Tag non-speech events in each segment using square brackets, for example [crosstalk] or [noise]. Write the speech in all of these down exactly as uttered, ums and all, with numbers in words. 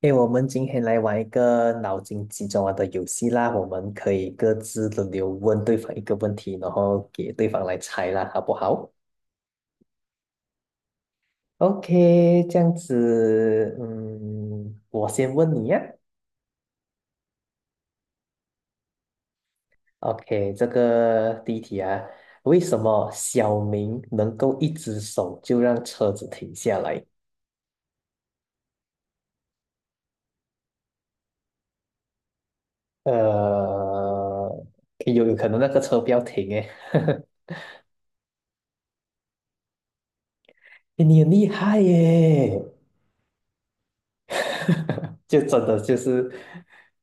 诶，我们今天来玩一个脑筋急转弯的游戏啦，我们可以各自轮流问对方一个问题，然后给对方来猜啦，好不好？OK，这样子，嗯，我先问你呀。OK，这个第一题啊，为什么小明能够一只手就让车子停下来？呃，有有可能那个车不要停诶，[laughs] 诶你很厉害耶！就真的就是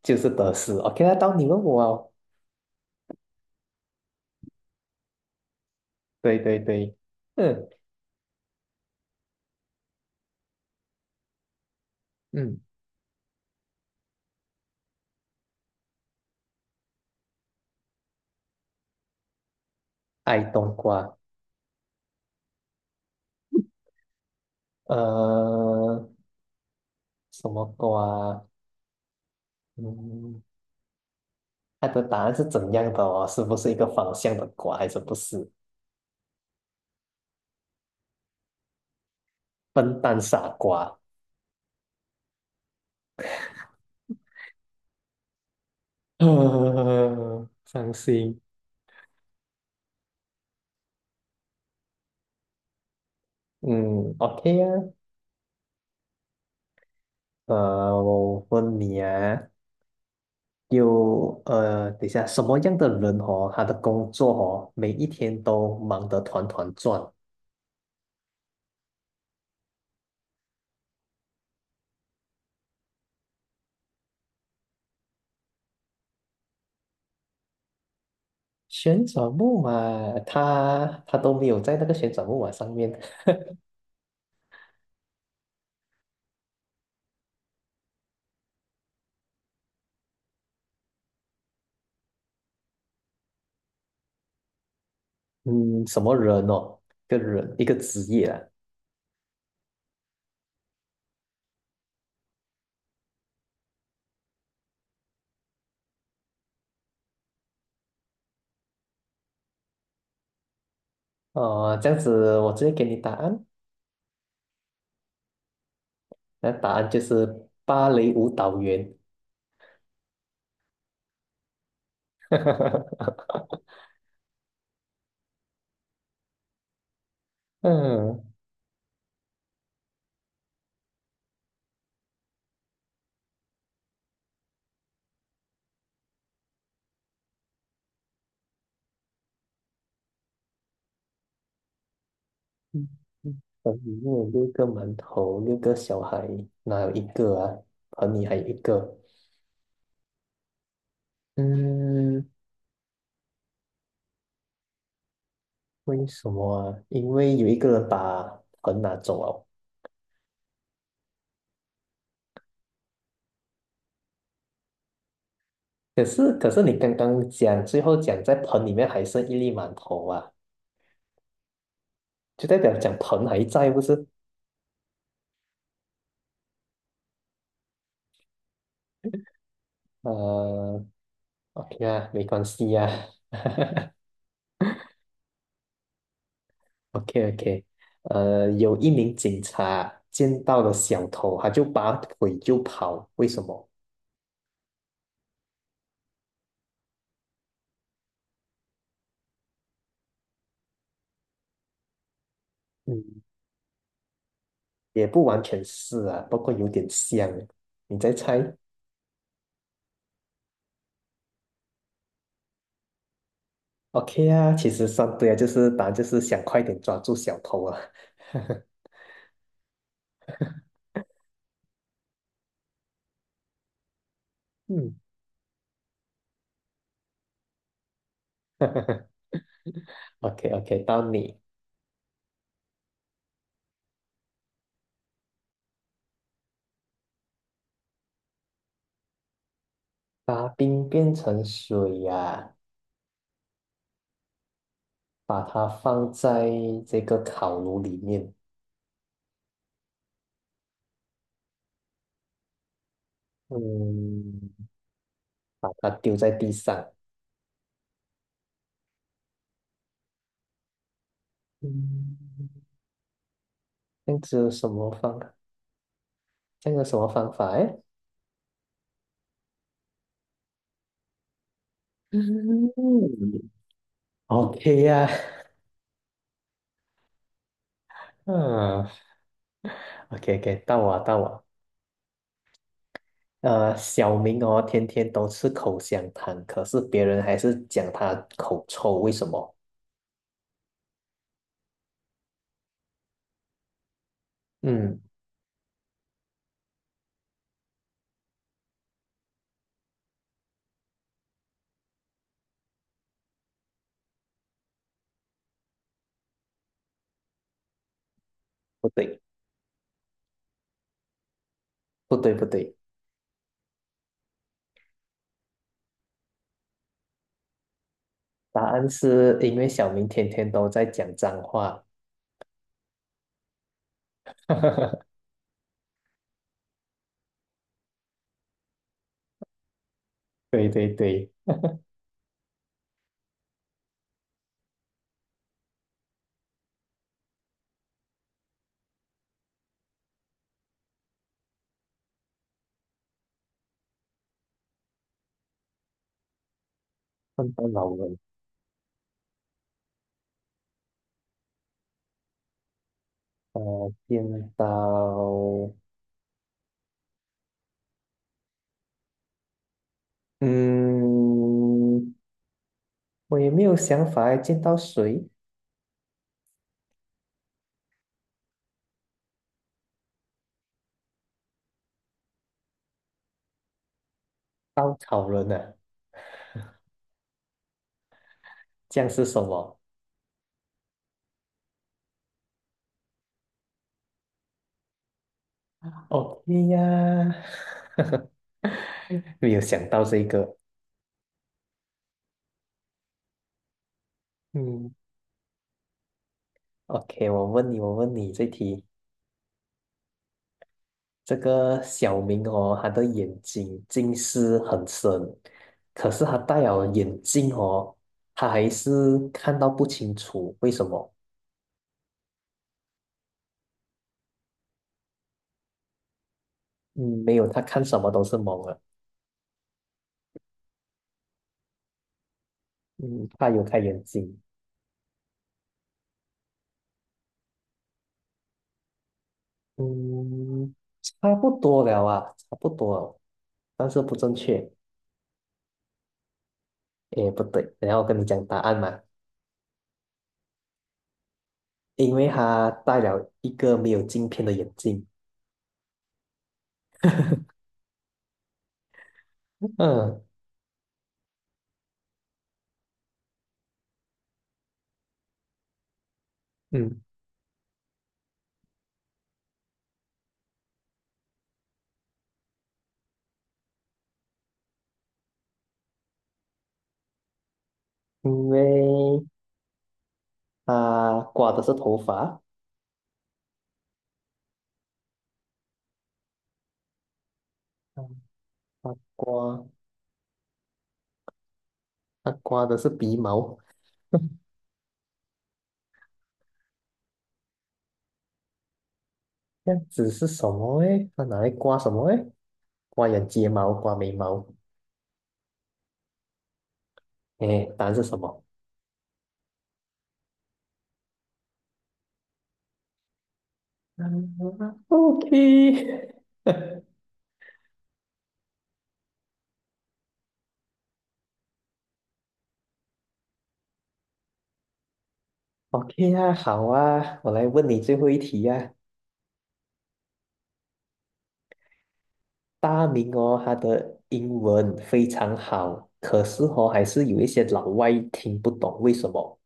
就是得失。OK，那到你问我哦。对对对，嗯嗯，爱冬瓜，呃，什么瓜啊？嗯，它的答案是怎样的哦？是不是一个方向的瓜，还是不是？笨蛋傻瓜，[laughs] 呃，伤心。嗯，OK 啊，呃，我问你啊，有呃，等一下，什么样的人哦，他的工作哦，每一天都忙得团团转？旋转木马，他他都没有在那个旋转木马上面，嗯，什么人哦，一个人一个职业啊，哦，这样子我直接给你答案，那答案就是芭蕾舞蹈员，[laughs] 嗯，嗯嗯盆里面有六个馒头，六个小孩，哪有一个啊？盆里还有一个，嗯，为什么啊？因为有一个人把盆拿走了。可是可是你刚刚讲，最后讲在盆里面还剩一粒馒头啊，就代表讲盆还在，不是？呃，OK 啊，没关系啊 [laughs]，OK OK。呃，有一名警察见到了小偷，他就拔腿就跑，为什么？嗯，也不完全是啊，不过有点像。你再猜？OK 啊，其实算对啊，就是答案就是想快点抓住小偷啊。[laughs] 嗯 [laughs]，OK OK，到你。把冰变成水呀、把它放在这个烤炉里面，嗯，把它丢在地上，嗯，这样子有什么方？这样有什么方法？哎，嗯，OK 呀、嗯，OK OK，到我到我，呃，小明哦，天天都吃口香糖，可是别人还是讲他口臭，为什么？嗯，不对，不对，不对，答案是因为小明天天都在讲脏话。[laughs] 对对对，看到老人，呃，见到，嗯，我也没有想法诶见到谁？稻草人啊，这样是什么？OK 呀，[laughs] 没有想到这个。嗯，OK，我问你，我问你这题，这个小明哦，他的眼睛近视很深，可是他戴了眼镜哦，他还是看到不清楚，为什么？嗯，没有，他看什么都是蒙了。嗯，他有开眼睛。嗯，差不多了啊，差不多了，但是不正确。诶，不对，等一下我跟你讲答案嘛，因为他戴了一个没有镜片的眼镜。嗯嗯，因为他刮的是头发，嗯他刮他刮的是鼻毛，[laughs] 这样子是什么诶？他拿来刮什么诶？刮眼睫毛，刮眉毛。诶，答案是什么？嗯，OK，OK [laughs] 啊，好啊，我来问你最后一题呀、大明哦，他的英文非常好，可是哦，还是有一些老外听不懂，为什么？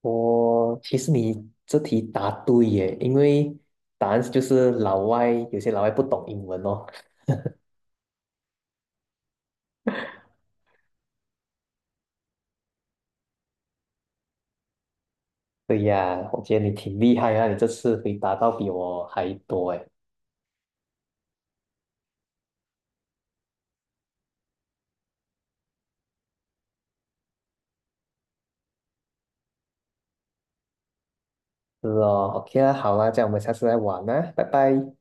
我其实你这题答对耶，因为答案就是老外，有些老外不懂英文哦。对呀，我觉得你挺厉害啊，你这次回答到比我还多哎。是哦，OK 啊，好啊，这样我们下次再玩啊，拜拜。